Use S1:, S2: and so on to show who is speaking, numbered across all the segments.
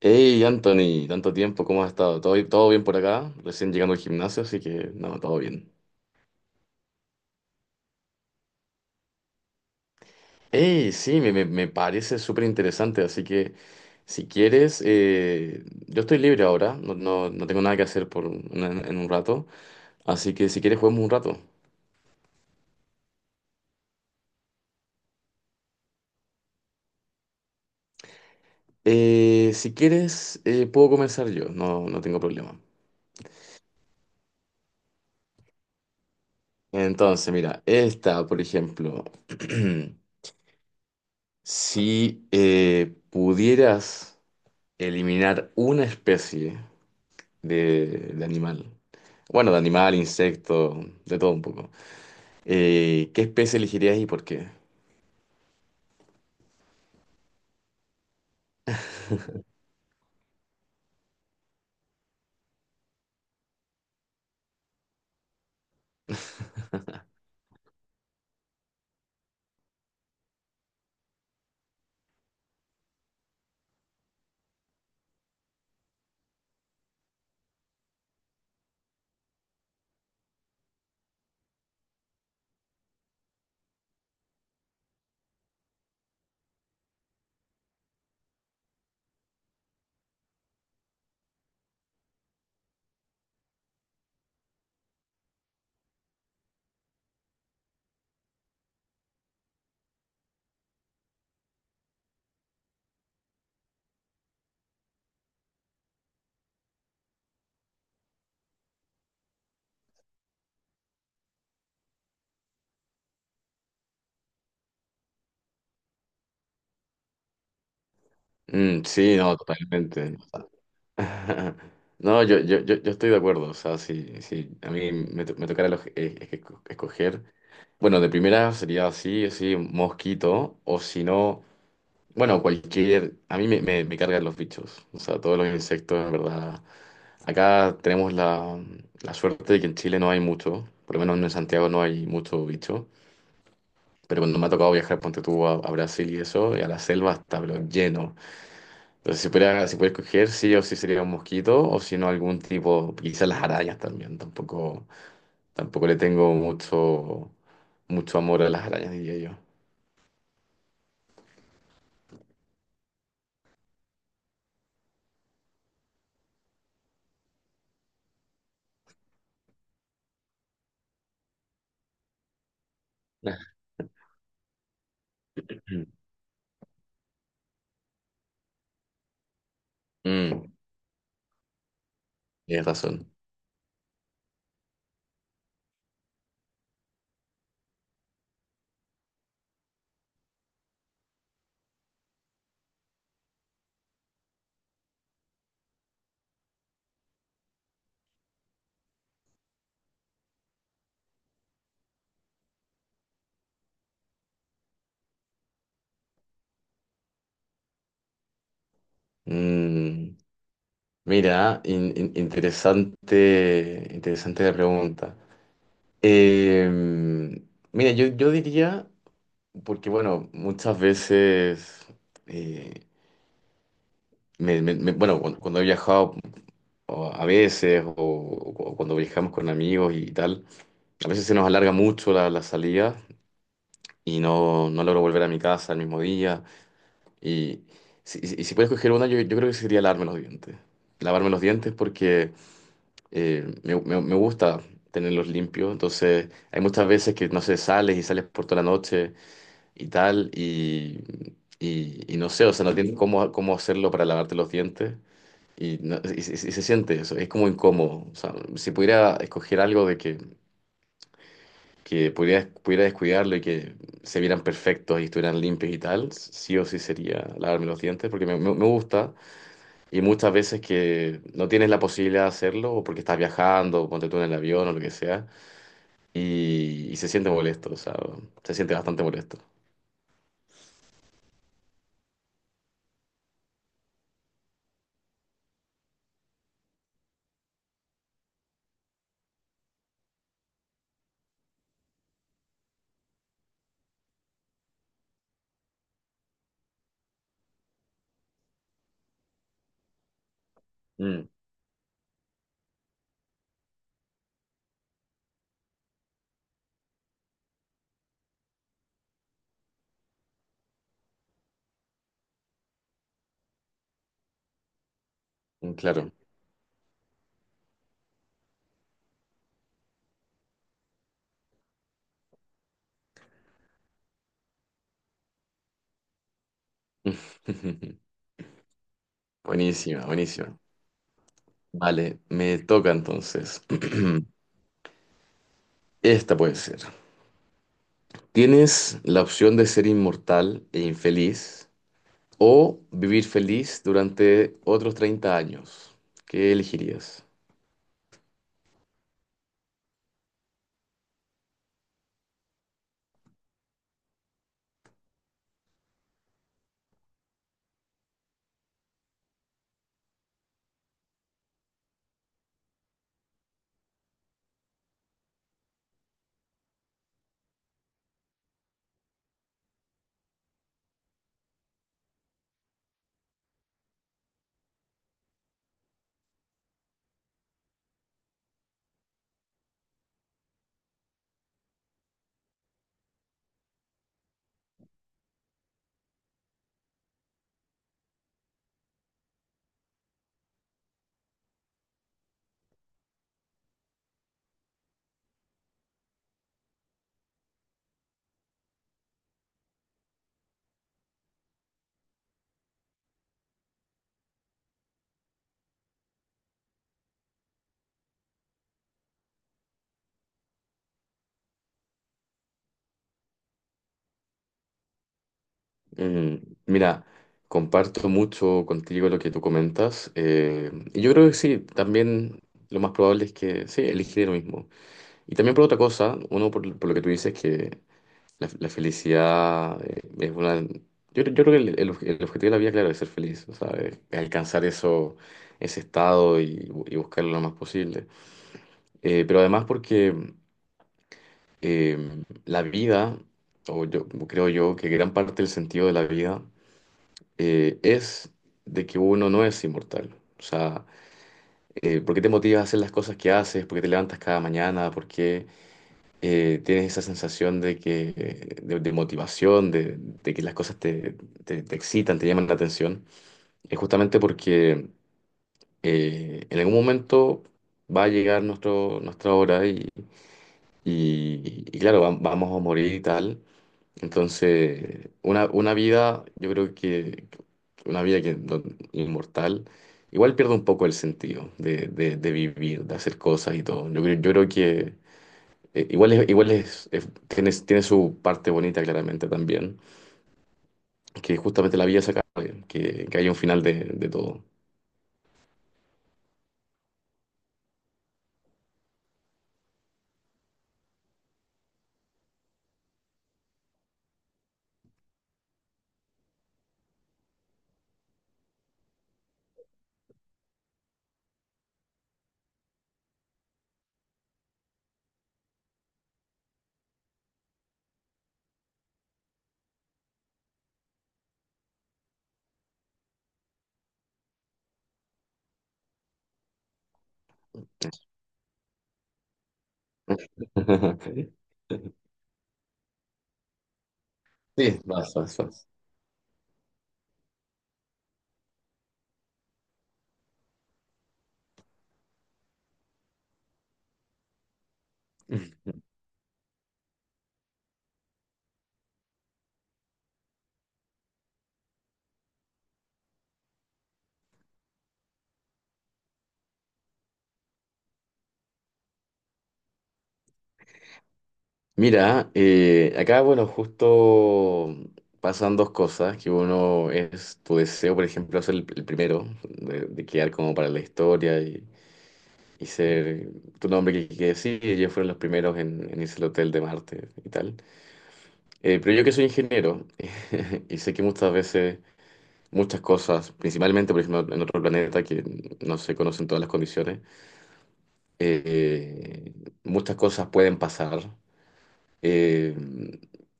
S1: Hey Anthony, tanto tiempo, ¿cómo has estado? ¿Todo, todo bien por acá? Recién llegando al gimnasio, así que no, todo bien. Hey, sí, me parece súper interesante, así que si quieres, yo estoy libre ahora, no tengo nada que hacer en un rato, así que si quieres juguemos un rato. Si quieres, puedo comenzar yo, no tengo problema. Entonces, mira, esta, por ejemplo, si pudieras eliminar una especie, de, de animal. Bueno, de animal, insecto, de todo un poco. ¿Qué especie elegirías y por qué? Mm, sí, no, totalmente. No, yo estoy de acuerdo. O sea, si a mí me tocara es que escoger. Bueno, de primera sería así, así, mosquito, o si no, bueno, cualquier. A mí me cargan los bichos. O sea, todos los insectos, en verdad. Acá tenemos la suerte de que en Chile no hay mucho, por lo menos en Santiago no hay mucho bicho. Pero cuando me ha tocado viajar, ponte tú a Brasil y eso, y a la selva está, pero lleno. Entonces, si pudiera escoger, sí o sí sería un mosquito, o si no, algún tipo, quizás las arañas también. Tampoco le tengo mucho, mucho amor a las arañas, diría yo. Mm, tienes razón. Mm, Mira, interesante, interesante la pregunta. Em, Mira, yo diría, porque bueno, muchas veces eh, bueno, cuando he viajado o a veces o cuando viajamos con amigos y tal, a veces se nos alarga mucho la salida y no logro volver a mi casa el mismo día. Y si, y si puedes coger una, yo creo que sería lavarme los dientes. Lavarme los dientes porque me gusta tenerlos limpios. Entonces, hay muchas veces que, no sé, sales y sales por toda la noche y tal, y no sé, o sea, no tienes cómo hacerlo para lavarte los dientes. Y se siente eso, es como incómodo. O sea, si pudiera escoger algo de que pudiera descuidarlo y que se vieran perfectos y estuvieran limpios y tal, sí o sí sería lavarme los dientes, porque me gusta. Y muchas veces que no tienes la posibilidad de hacerlo, o porque estás viajando, o ponte tú en el avión o lo que sea, y se siente molesto, o sea, se siente bastante molesto. Mm, mm, claro. Buenísima, buenísima. Vale, me toca entonces. Esta puede ser. Tienes la opción de ser inmortal e infeliz o vivir feliz durante otros 30 años. ¿Qué elegirías? Mm, Mira, comparto mucho contigo lo que tú comentas. Y yo creo que sí, también lo más probable es que sí, elegiré lo mismo. Y también por otra cosa, uno por lo que tú dices, que la felicidad es una. Yo creo que el objetivo de la vida, claro, es ser feliz, o sea, es alcanzar eso, ese estado y buscarlo lo más posible. Pero además porque la vida, o yo creo yo que gran parte del sentido de la vida es de que uno no es inmortal. O sea, ¿por qué te motivas a hacer las cosas que haces? ¿Por qué te levantas cada mañana? ¿Por qué? Tienes esa sensación de que, de motivación, de que las cosas te excitan, te llaman la atención, es justamente porque en algún momento va a llegar nuestra hora y claro, vamos a morir y tal. Entonces, una vida, yo creo que una vida que, no- inmortal, igual pierde un poco el sentido de vivir, de hacer cosas y todo. Yo creo que tiene su parte bonita claramente también, que justamente la vida se acabe, que haya un final de todo. Sí, vas, vas, vas. Mira, acá, bueno, justo pasan dos cosas, que uno es tu deseo, por ejemplo, ser el primero, de quedar como para la historia y ser tu nombre que sí, ellos fueron los primeros en irse al hotel de Marte y tal. Pero yo que soy ingeniero y sé que muchas veces muchas cosas, principalmente, por ejemplo, en otro planeta que no se conocen todas las condiciones. Eh, Muchas cosas pueden pasar. Eh,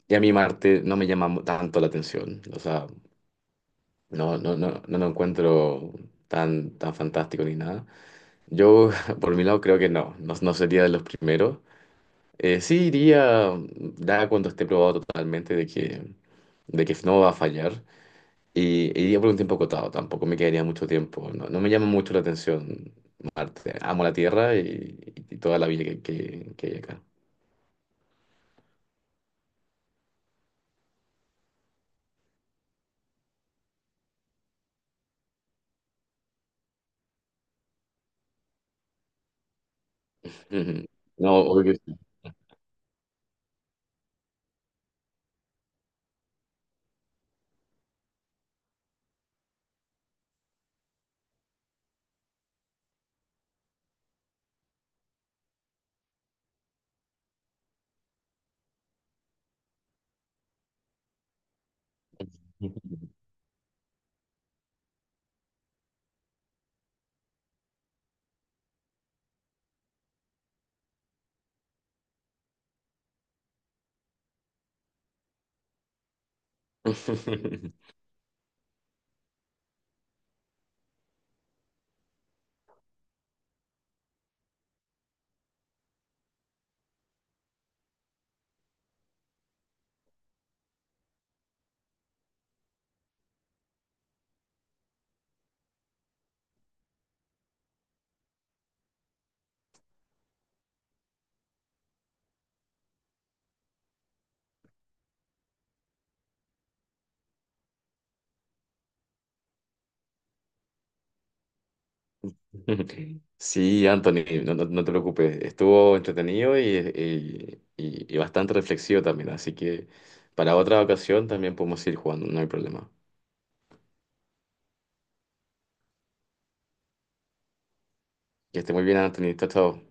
S1: y a mí Marte no me llama tanto la atención. O sea, no lo encuentro tan, tan fantástico ni nada. Yo, por mi lado, creo que no sería de los primeros. Sí iría, ya cuando esté probado totalmente de que no va a fallar. Y iría por un tiempo acotado, tampoco me quedaría mucho tiempo. No, no me llama mucho la atención Marte. Amo la Tierra y toda la vida que hay acá. Ujú. No, obvio que sí. Sí, Anthony, no te preocupes. Estuvo entretenido y bastante reflexivo también. Así que para otra ocasión también podemos ir jugando, no hay problema. Que esté muy bien, Anthony. Chao, chao.